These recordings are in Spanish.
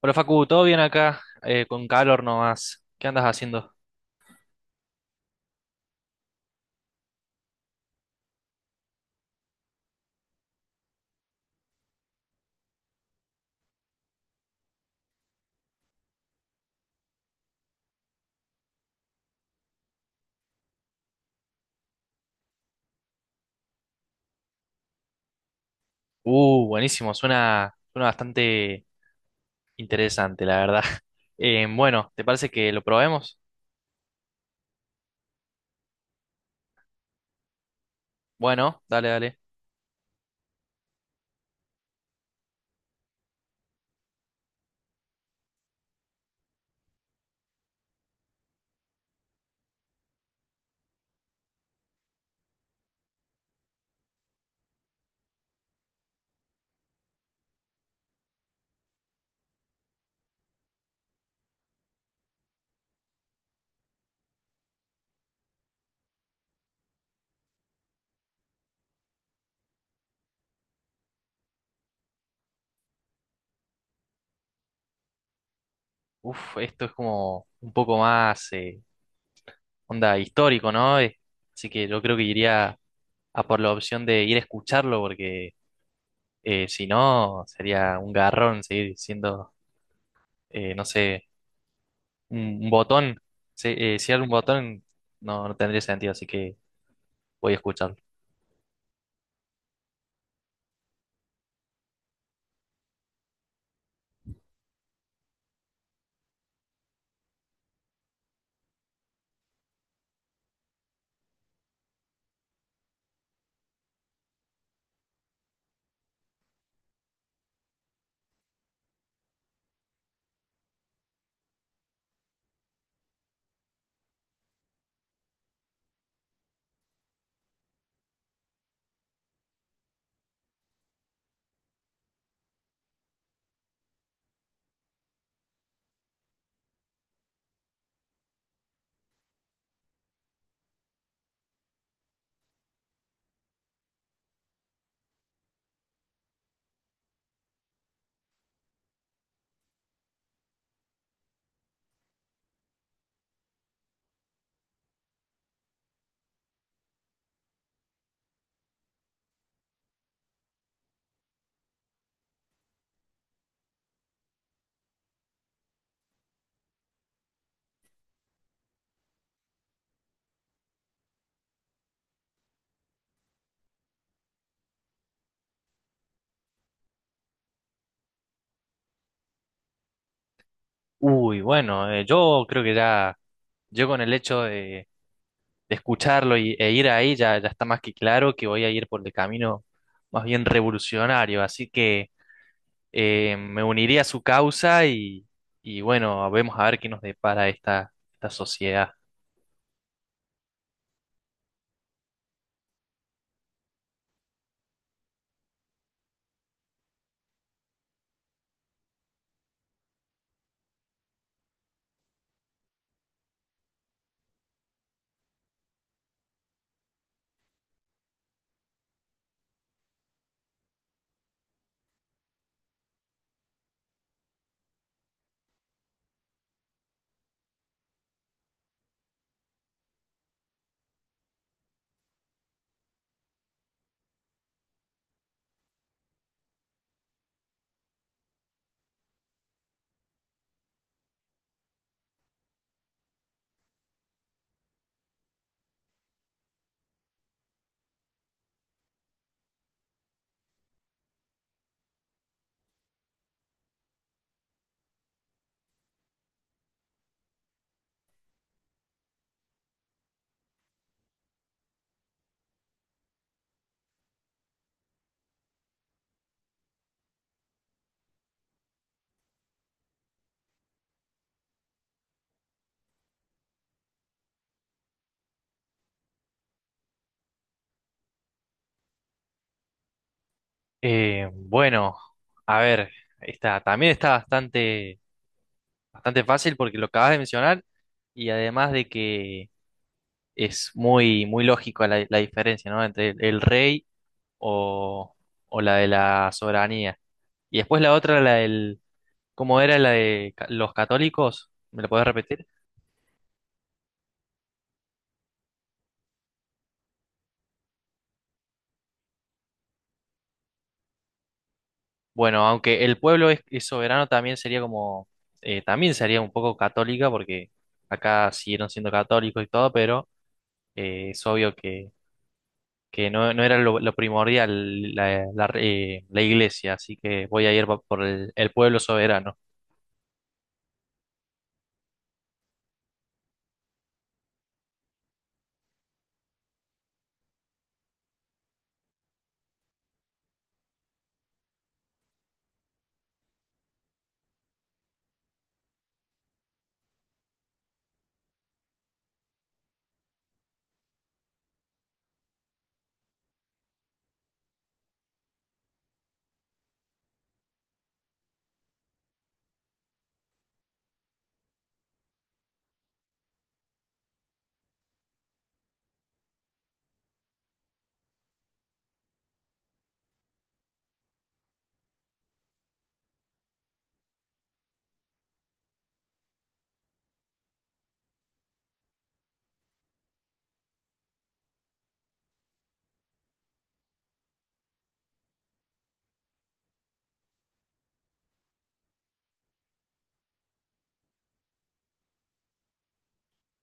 Hola Facu, ¿todo bien acá? Con calor nomás. ¿Qué andas haciendo? Buenísimo, suena bastante interesante, la verdad. Bueno, ¿te parece que lo probemos? Bueno, dale. Uf, esto es como un poco más onda histórico, ¿no? Así que yo creo que iría a por la opción de ir a escucharlo, porque si no, sería un garrón seguir siendo, no sé, un, un botón. Si, si era un botón, no, no tendría sentido, así que voy a escucharlo. Uy, bueno, yo creo que ya, yo con el hecho de escucharlo y, e ir ahí, ya está más que claro que voy a ir por el camino más bien revolucionario, así que me uniría a su causa y bueno, vemos a ver qué nos depara esta sociedad. Bueno, a ver, también está bastante fácil porque lo acabas de mencionar y además de que es muy lógico la diferencia, ¿no? Entre el rey o, o la de la soberanía. Y después la otra, ¿cómo era la de los católicos? ¿Me la podés repetir? Bueno, aunque el pueblo es soberano, también sería como, también sería un poco católica, porque acá siguieron siendo católicos y todo, pero es obvio que no, no era lo primordial la la iglesia, así que voy a ir por el pueblo soberano.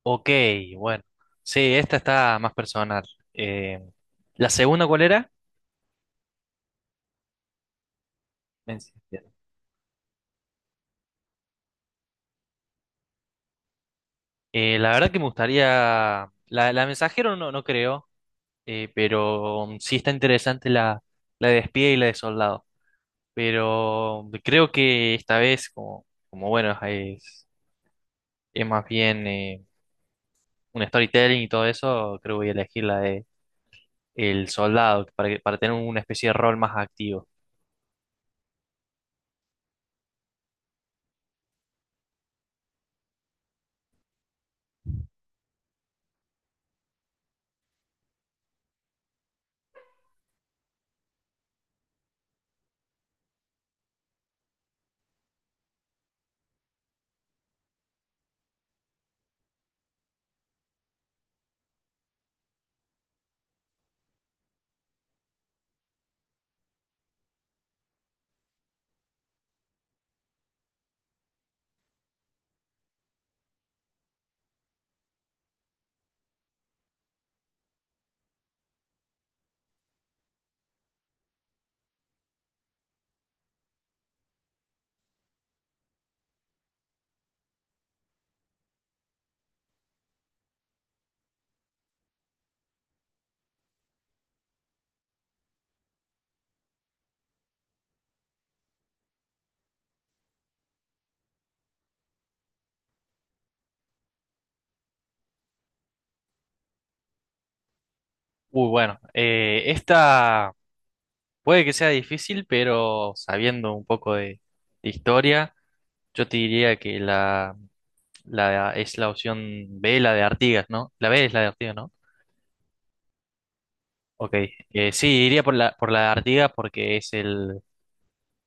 Ok, bueno. Sí, esta está más personal. Eh, ¿La segunda cuál era? Messenger. La verdad que me gustaría. La mensajero no, no creo, pero mm, sí está interesante la de espía y la de soldado. Pero creo que esta vez, como, como bueno, es más bien un storytelling y todo eso, creo que voy a elegir la de el soldado para, para tener una especie de rol más activo. Uy, bueno, esta puede que sea difícil, pero sabiendo un poco de historia. Yo te diría que la es la opción B, la de Artigas, ¿no? La B es la de Artigas, ¿no? Ok. Sí, iría por por la de Artigas porque es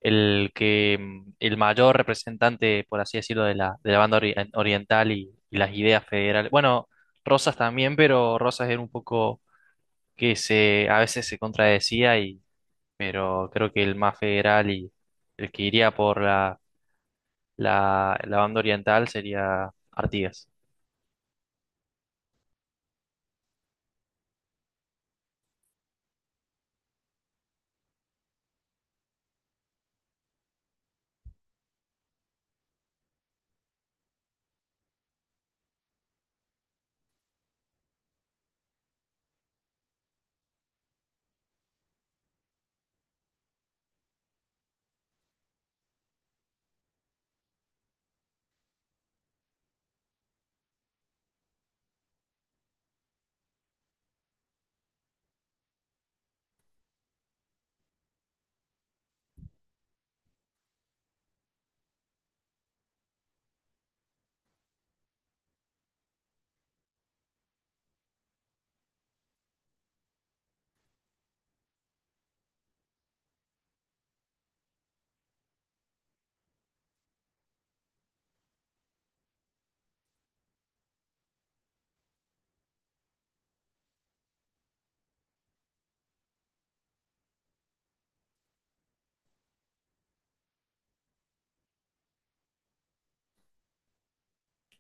el que mm, el mayor representante, por así decirlo, de de la banda oriental y las ideas federales. Bueno, Rosas también, pero Rosas era un poco que se a veces se contradecía y, pero creo que el más federal y el que iría por la banda oriental sería Artigas.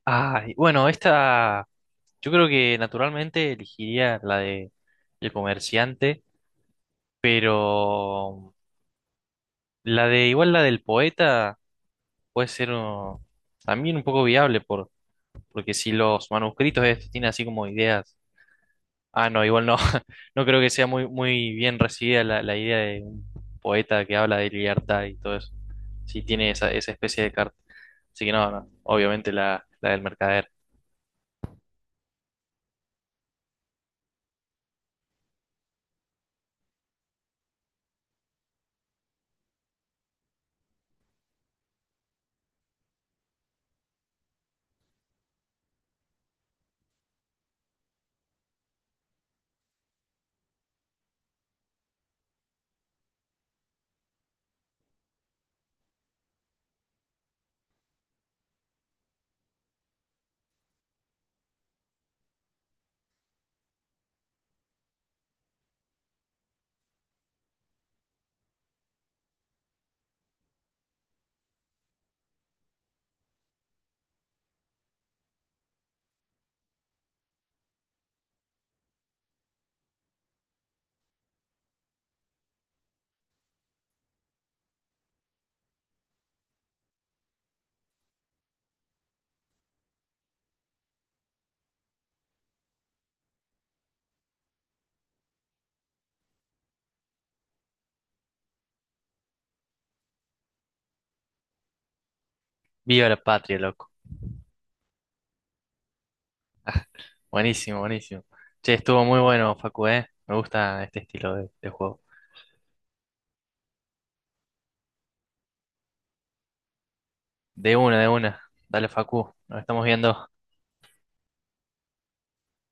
Ay, bueno, esta yo creo que naturalmente elegiría la de el comerciante, pero la de igual la del poeta puede ser también un poco viable por, porque si los manuscritos estos tienen así como ideas. Ah, no, igual no. No creo que sea muy muy bien recibida la idea de un poeta que habla de libertad y todo eso. Si tiene esa especie de carta. Así que no, no, obviamente la del mercader. Viva la patria, loco. Buenísimo, buenísimo. Che, estuvo muy bueno, Facu, ¿eh? Me gusta este estilo de juego. De una, de una. Dale, Facu, nos estamos viendo.